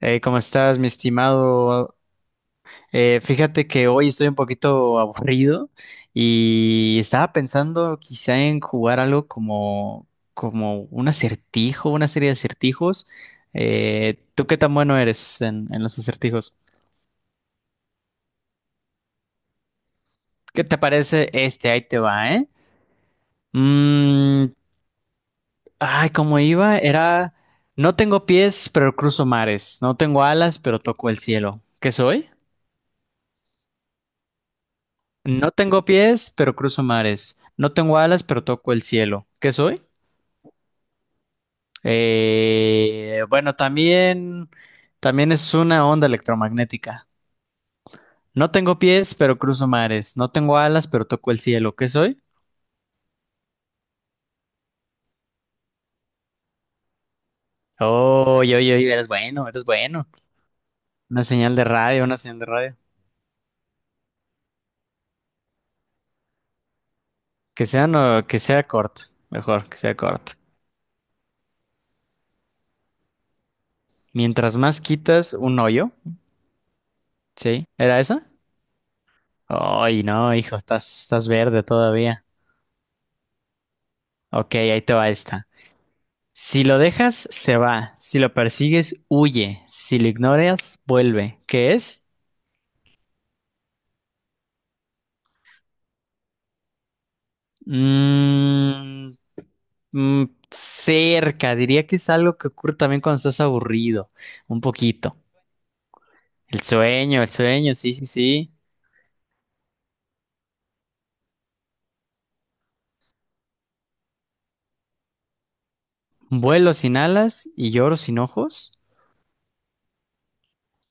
¿Cómo estás, mi estimado? Fíjate que hoy estoy un poquito aburrido y estaba pensando quizá en jugar algo como un acertijo, una serie de acertijos. ¿Tú qué tan bueno eres en los acertijos? ¿Qué te parece este? Ahí te va, ¿eh? Mm, ay, cómo iba, era, no tengo pies, pero cruzo mares. No tengo alas, pero toco el cielo. ¿Qué soy? No tengo pies, pero cruzo mares. No tengo alas, pero toco el cielo. ¿Qué soy? Bueno, también es una onda electromagnética. No tengo pies, pero cruzo mares. No tengo alas, pero toco el cielo. ¿Qué soy? Oye, oye, oye, eres bueno, eres bueno. Una señal de radio, una señal de radio. Que sea, no, que sea corta. Mejor, que sea corta. Mientras más quitas un hoyo, ¿sí? ¿Era esa? Ay, no, hijo, estás verde todavía. Ok, ahí te va esta. Si lo dejas, se va. Si lo persigues, huye. Si lo ignoras, vuelve. ¿Qué es? Mm, mm, cerca. Diría que es algo que ocurre también cuando estás aburrido. Un poquito. El sueño, sí, sí, sí. Vuelo sin alas y lloro sin ojos.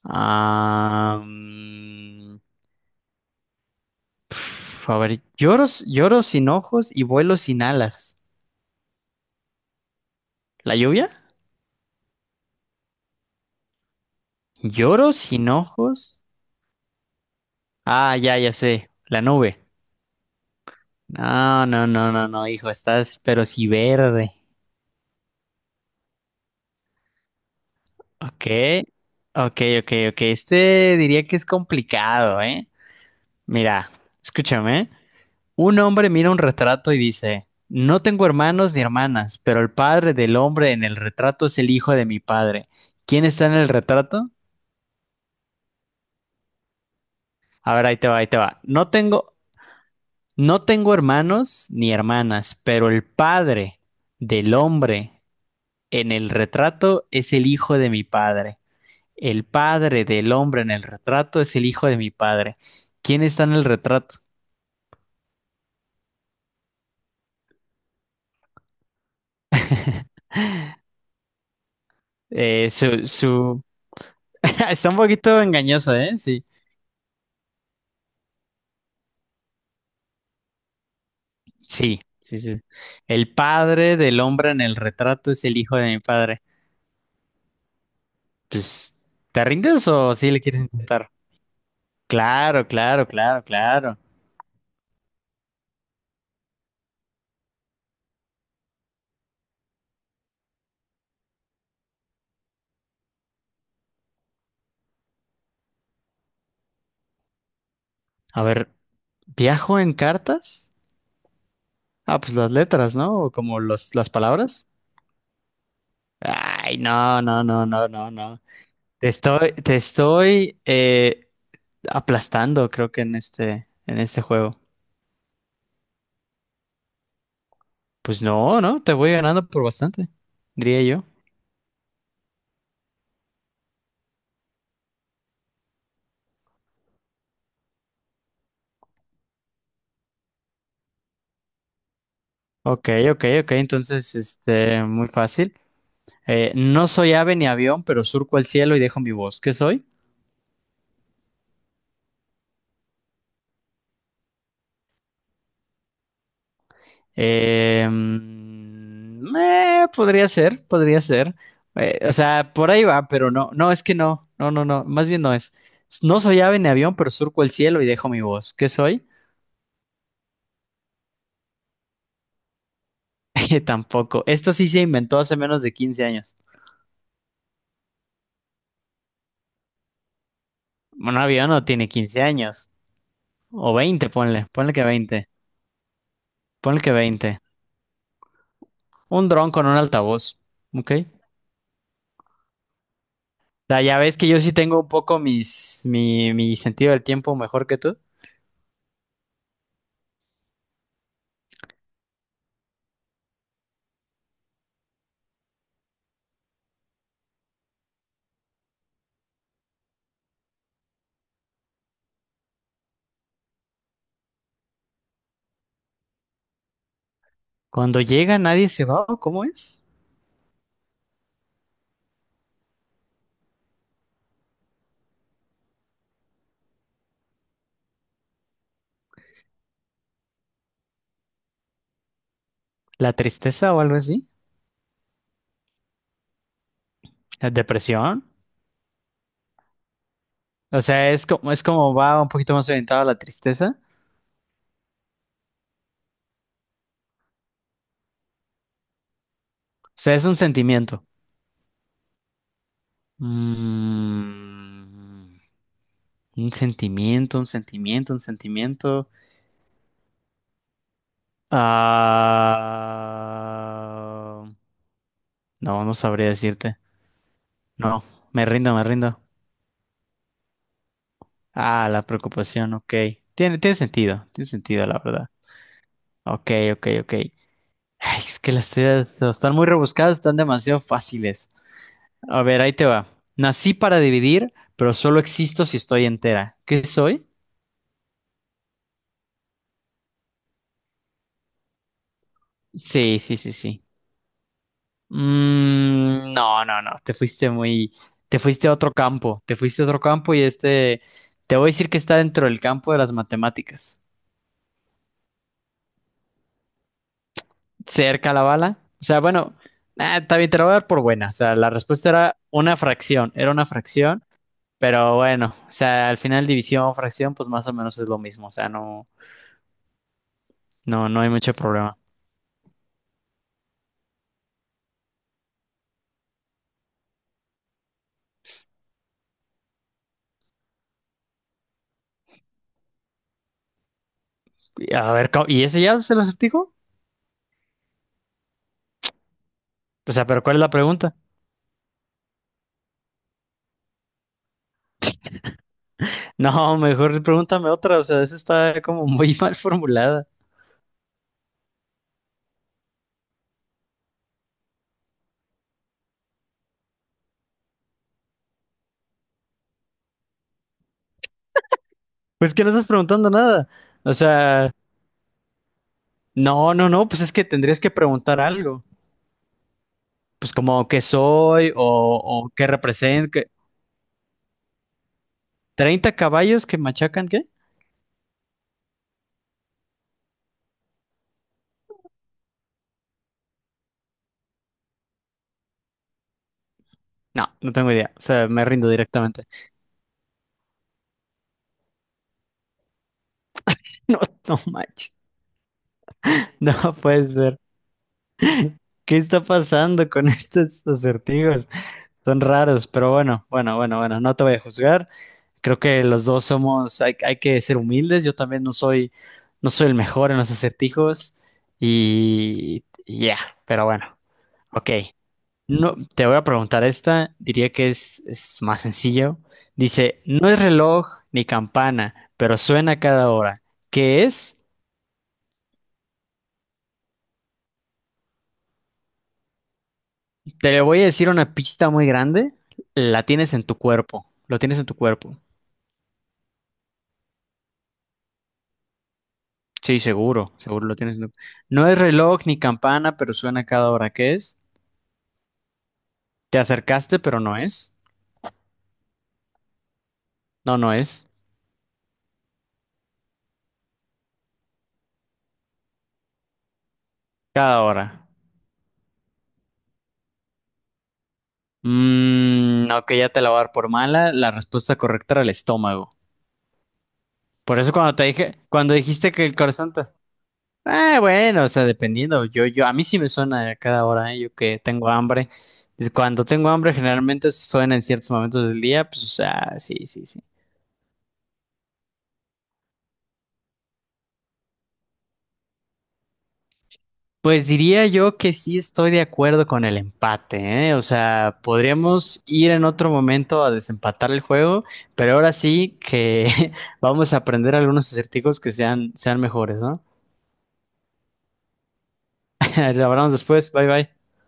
Ah, mm, a ver, lloro sin ojos y vuelo sin alas. ¿La lluvia? ¿Lloro sin ojos? Ah, ya, ya sé. La nube. No, no, no, no, no, hijo, estás pero sí verde. Ok, ok, ok, ok. Este diría que es complicado, ¿eh? Mira, escúchame, ¿eh? Un hombre mira un retrato y dice, no tengo hermanos ni hermanas, pero el padre del hombre en el retrato es el hijo de mi padre. ¿Quién está en el retrato? A ver, ahí te va, ahí te va. No tengo hermanos ni hermanas, pero el padre del hombre en el retrato es el hijo de mi padre. El padre del hombre en el retrato es el hijo de mi padre. ¿Quién está en el retrato? Su... Está un poquito engañoso, ¿eh? Sí. Sí, sí, sí. El padre del hombre en el retrato es el hijo de mi padre. Pues, ¿te rindes o sí le quieres intentar? Claro, claro, claro, claro. A ver, ¿viajo en cartas? Ah, pues las letras, ¿no? O como las palabras. Ay, no, no, no, no, no, no. Te estoy aplastando, creo que en en este juego. Pues no, no, te voy ganando por bastante, diría yo. Ok, ok, ok, entonces, este, muy fácil. No soy ave ni avión, pero surco el cielo y dejo mi voz. ¿Qué soy? Podría ser, podría ser. O sea, por ahí va, pero no, no, es que no, no, no, no, más bien no es. No soy ave ni avión, pero surco el cielo y dejo mi voz. ¿Qué soy? Tampoco. Esto sí se inventó hace menos de 15 años. Bueno, un avión no tiene 15 años. O 20, ponle. Ponle que 20. Un dron con un altavoz. ¿Ok? O sea, ya ves que yo sí tengo un poco mi sentido del tiempo mejor que tú. Cuando llega nadie se va, ¿o ¿cómo es? ¿La tristeza o algo así? ¿La depresión? O sea, es como va un poquito más orientado a la tristeza. O sea, es un sentimiento. Mm, un sentimiento, un sentimiento, un sentimiento. Ah, no, no sabría decirte. No, me rindo, me rindo. Ah, la preocupación, ok. Tiene, tiene sentido, la verdad. Ok, ok, ok. Ay, es que las teorías no, están muy rebuscadas, están demasiado fáciles. A ver, ahí te va. Nací para dividir, pero solo existo si estoy entera. ¿Qué soy? Sí, sí, sí, sí. No, no, no, te fuiste a otro campo, te fuiste a otro campo te voy a decir que está dentro del campo de las matemáticas. Cerca la bala. O sea, bueno, ah, está bien, te la voy a dar por buena. O sea, la respuesta era una fracción, pero bueno, o sea, al final división o fracción, pues más o menos es lo mismo. O sea, no, no, no hay mucho problema. A ver, ¿y ese ya se lo acertijo? O sea, pero ¿cuál es la pregunta? No, mejor pregúntame otra, o sea, esa está como muy mal formulada. Pues que no estás preguntando nada. O sea, no, no, no, pues es que tendrías que preguntar algo. Pues como qué soy o qué represento. ¿30 caballos que machacan qué? No, no tengo idea. O sea, me rindo directamente. No, no manches. No puede ser. ¿Qué está pasando con estos acertijos? Son raros, pero bueno, bueno, bueno, bueno, no te voy a juzgar. Creo que los dos somos, hay que ser humildes. Yo también no soy el mejor en los acertijos y ya, pero bueno, ok. No, te voy a preguntar esta, diría que es más sencillo. Dice, no es reloj ni campana, pero suena cada hora. ¿Qué es? Te voy a decir una pista muy grande. La tienes en tu cuerpo, lo tienes en tu cuerpo. Sí, seguro, seguro lo tienes en tu... No es reloj ni campana, pero suena cada hora que es. Te acercaste, pero no es. No, no es. Cada hora. Ok, ya te la voy a dar por mala. La respuesta correcta era el estómago. Por eso cuando te dije, cuando dijiste que el corazón te... Ah, bueno, o sea, dependiendo. A mí sí me suena a cada hora, ¿eh? Yo que tengo hambre. Cuando tengo hambre, generalmente suena en ciertos momentos del día. Pues, o sea, sí, sí, sí. Pues diría yo que sí estoy de acuerdo con el empate, ¿eh? O sea, podríamos ir en otro momento a desempatar el juego, pero ahora sí que vamos a aprender algunos acertijos que sean mejores, ¿no? Lo hablamos después, bye bye.